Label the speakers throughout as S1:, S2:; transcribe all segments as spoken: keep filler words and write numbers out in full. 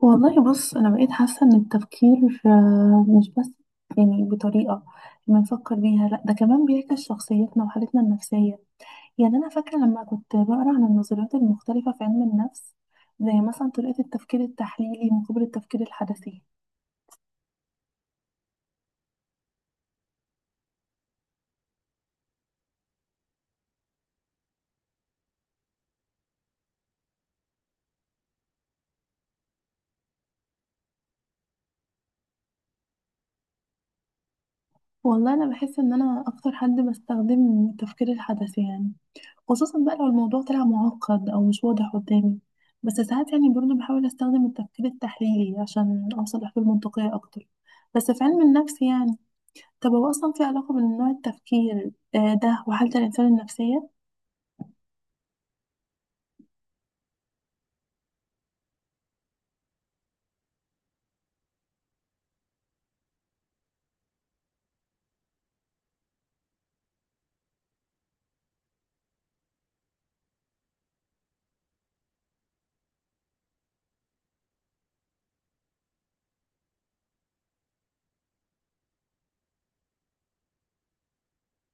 S1: والله بص، أنا بقيت حاسة إن التفكير آه، مش بس يعني بطريقة بنفكر بيها، لأ ده كمان بيعكس شخصيتنا وحالتنا النفسية. يعني أنا فاكرة لما كنت بقرأ عن النظريات المختلفة في علم النفس، زي مثلا طريقة التفكير التحليلي مقابل التفكير الحدسي. والله انا بحس ان انا اكتر حد بستخدم التفكير الحدسي، يعني خصوصا بقى لو الموضوع طلع معقد او مش واضح قدامي. بس ساعات يعني برضه بحاول استخدم التفكير التحليلي عشان اوصل لحلول منطقية اكتر. بس في علم النفس يعني، طب هو اصلا في علاقة بين نوع التفكير آه، ده وحالة الانسان النفسية؟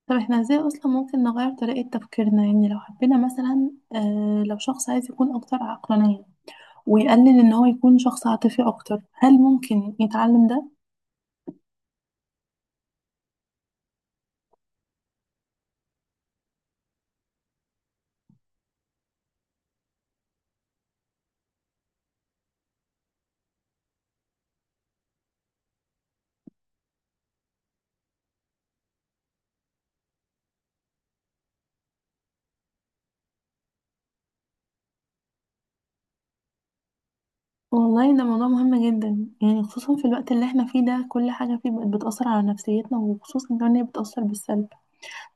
S1: طب احنا ازاي اصلا ممكن نغير طريقة تفكيرنا، يعني لو حبينا مثلا آه، لو شخص عايز يكون اكتر عقلانية ويقلل ان هو يكون شخص عاطفي اكتر، هل ممكن يتعلم ده؟ والله ده موضوع مهم جدا، يعني خصوصا في الوقت اللي احنا فيه ده كل حاجة فيه بقت بتأثر على نفسيتنا، وخصوصا كمان هي بتأثر بالسلب.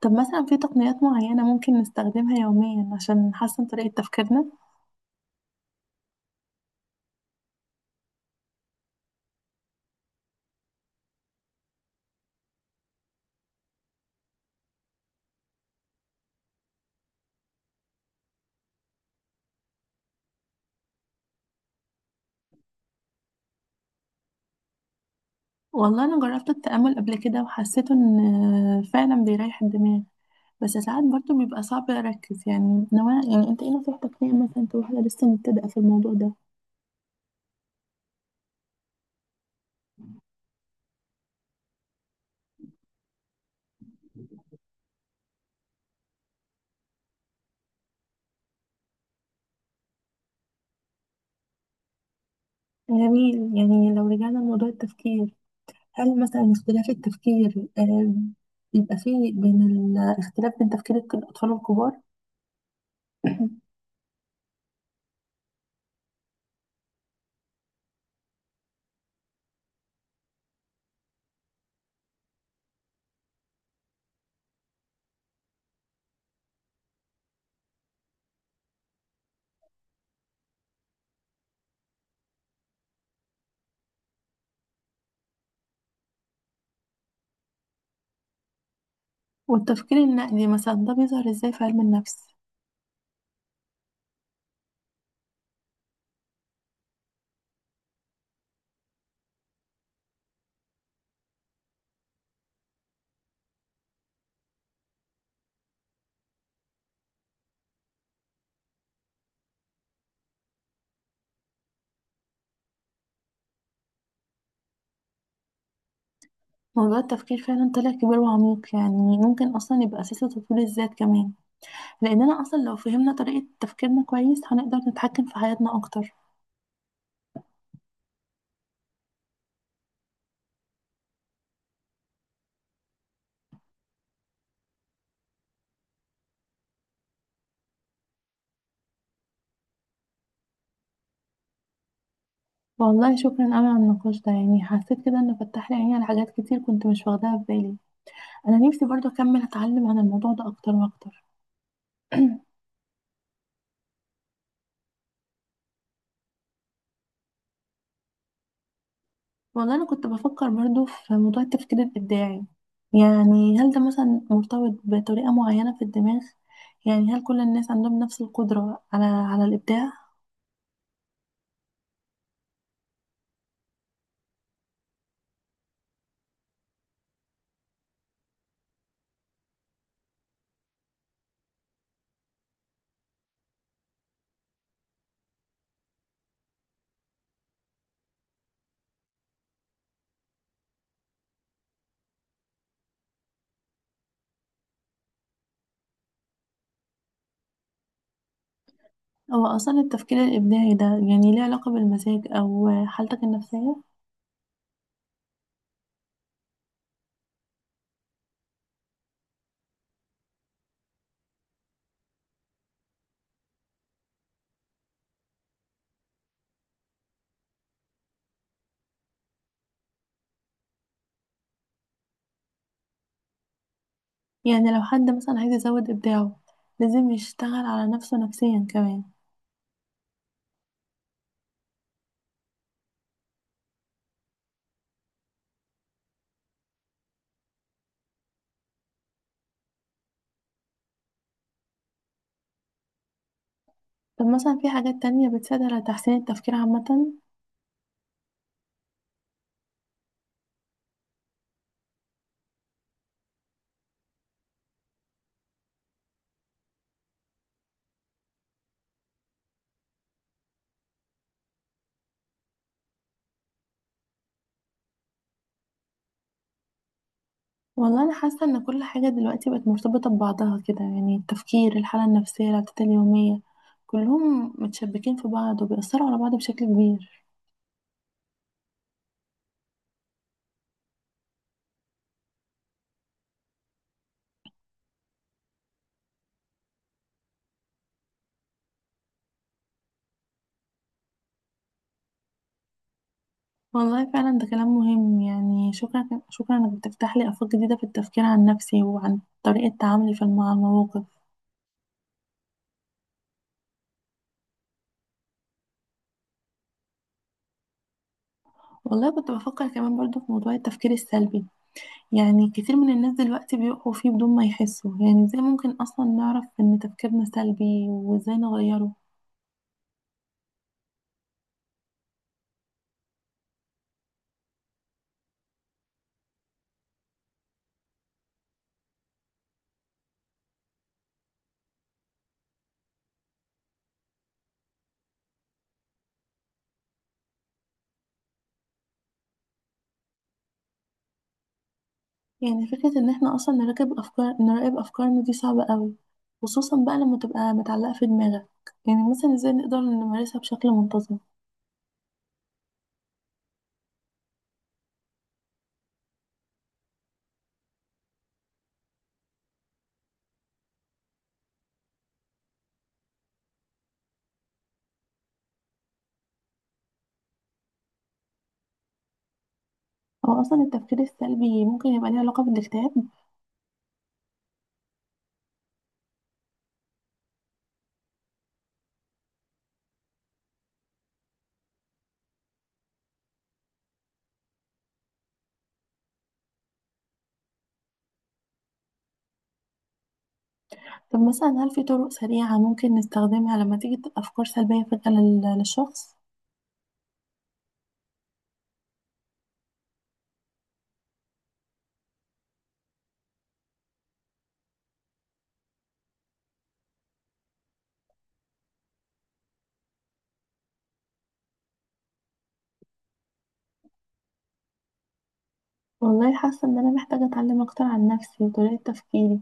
S1: طب مثلا في تقنيات معينة ممكن نستخدمها يوميا عشان نحسن طريقة تفكيرنا؟ والله أنا جربت التأمل قبل كده وحسيت إن فعلا بيريح الدماغ، بس ساعات برضه بيبقى صعب أركز، يعني نوع يعني أنت إيه نصيحتك ليا مثلا كواحدة لسه مبتدئة في الموضوع ده؟ جميل. يعني لو رجعنا لموضوع التفكير، هل مثلا اختلاف التفكير آه، بيبقى فيه بين الاختلاف بين تفكير الك- الأطفال والكبار؟ والتفكير النقدي مثلا ده بيظهر ازاي في علم النفس؟ موضوع التفكير فعلا طلع كبير وعميق، يعني ممكن اصلا يبقى اساس لتطوير الذات كمان، لاننا اصلا لو فهمنا طريقة تفكيرنا كويس هنقدر نتحكم في حياتنا اكتر. والله شكرا قوي على النقاش ده، يعني حسيت كده ان فتح لي عيني على حاجات كتير كنت مش واخداها في بالي. انا نفسي برضه اكمل اتعلم عن الموضوع ده اكتر واكتر. والله أنا كنت بفكر برضو في موضوع التفكير الإبداعي. يعني هل ده مثلا مرتبط بطريقة معينة في الدماغ؟ يعني هل كل الناس عندهم نفس القدرة على على الإبداع؟ أو أصلا التفكير الإبداعي ده يعني ليه علاقة بالمزاج أو حالتك النفسية؟ يعني لو حد مثلا عايز يزود إبداعه، لازم يشتغل على نفسه نفسيا كمان؟ طب مثلا في حاجات تانية بتساعد على تحسين التفكير عامة؟ والله انا حاسه ان كل حاجه دلوقتي بقت مرتبطه ببعضها كده، يعني التفكير، الحاله النفسيه، العادات اليوميه، كلهم متشبكين في بعض وبيأثروا على بعض بشكل كبير. والله فعلا ده كلام مهم، يعني شكرا شكرا انك بتفتح لي افاق جديده في التفكير عن نفسي وعن طريقه تعاملي في مع المواقف. والله كنت بفكر كمان برضو في موضوع التفكير السلبي. يعني كتير من الناس دلوقتي بيقعوا فيه بدون ما يحسوا، يعني ازاي ممكن اصلا نعرف ان تفكيرنا سلبي وازاي نغيره؟ يعني فكرة ان احنا اصلا نراقب افكار نراقب افكارنا دي صعبة قوي، خصوصا بقى لما تبقى متعلقة في دماغك. يعني مثلا ازاي نقدر نمارسها بشكل منتظم؟ هو اصلا التفكير السلبي ممكن يبقى ليه علاقة بالاكتئاب؟ طب مثلا هل في طرق سريعة ممكن نستخدمها لما تيجي افكار سلبية فجأة لل- للشخص؟ والله حاسة ان انا محتاجة اتعلم اكتر عن نفسي وطريقة تفكيري،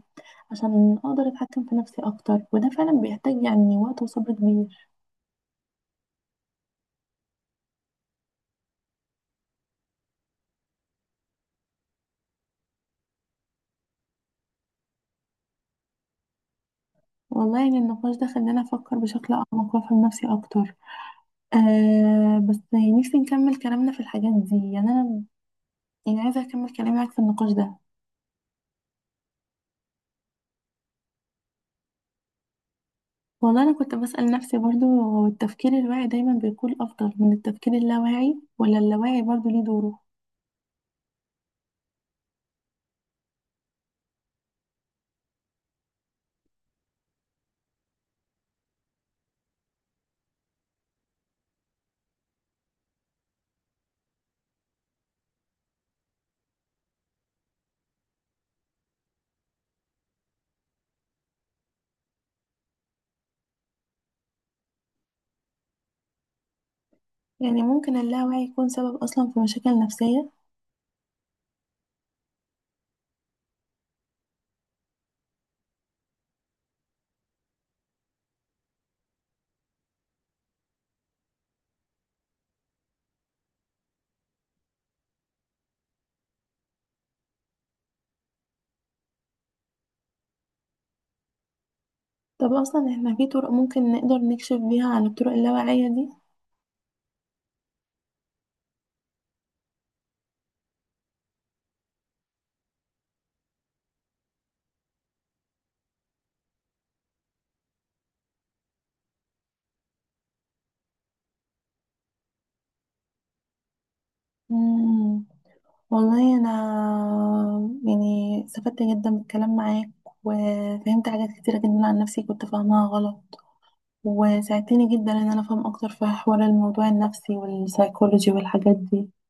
S1: عشان اقدر اتحكم في نفسي اكتر، وده فعلا بيحتاج يعني وقت وصبر كبير. والله يعني النقاش ده خلاني افكر بشكل اعمق وافهم نفسي اكتر. آه، بس يعني نفسي نكمل كلامنا في الحاجات دي، يعني انا يعني عايزه اكمل كلامي معاك في النقاش ده. والله انا كنت بسأل نفسي برضو، هو التفكير الواعي دايما بيكون افضل من التفكير اللاواعي، ولا اللاواعي برضو ليه دوره؟ يعني ممكن اللاواعي يكون سبب اصلا في مشاكل نفسية؟ طب اصلا احنا في طرق ممكن نقدر نكشف بيها عن الطرق اللاواعية دي؟ مم. والله انا يعني استفدت جدا بالكلام معاك، وفهمت حاجات كتيرة جدا عن نفسي كنت فاهمها غلط، وساعدتني جدا ان انا افهم اكتر في حوار الموضوع النفسي والسايكولوجي والحاجات دي.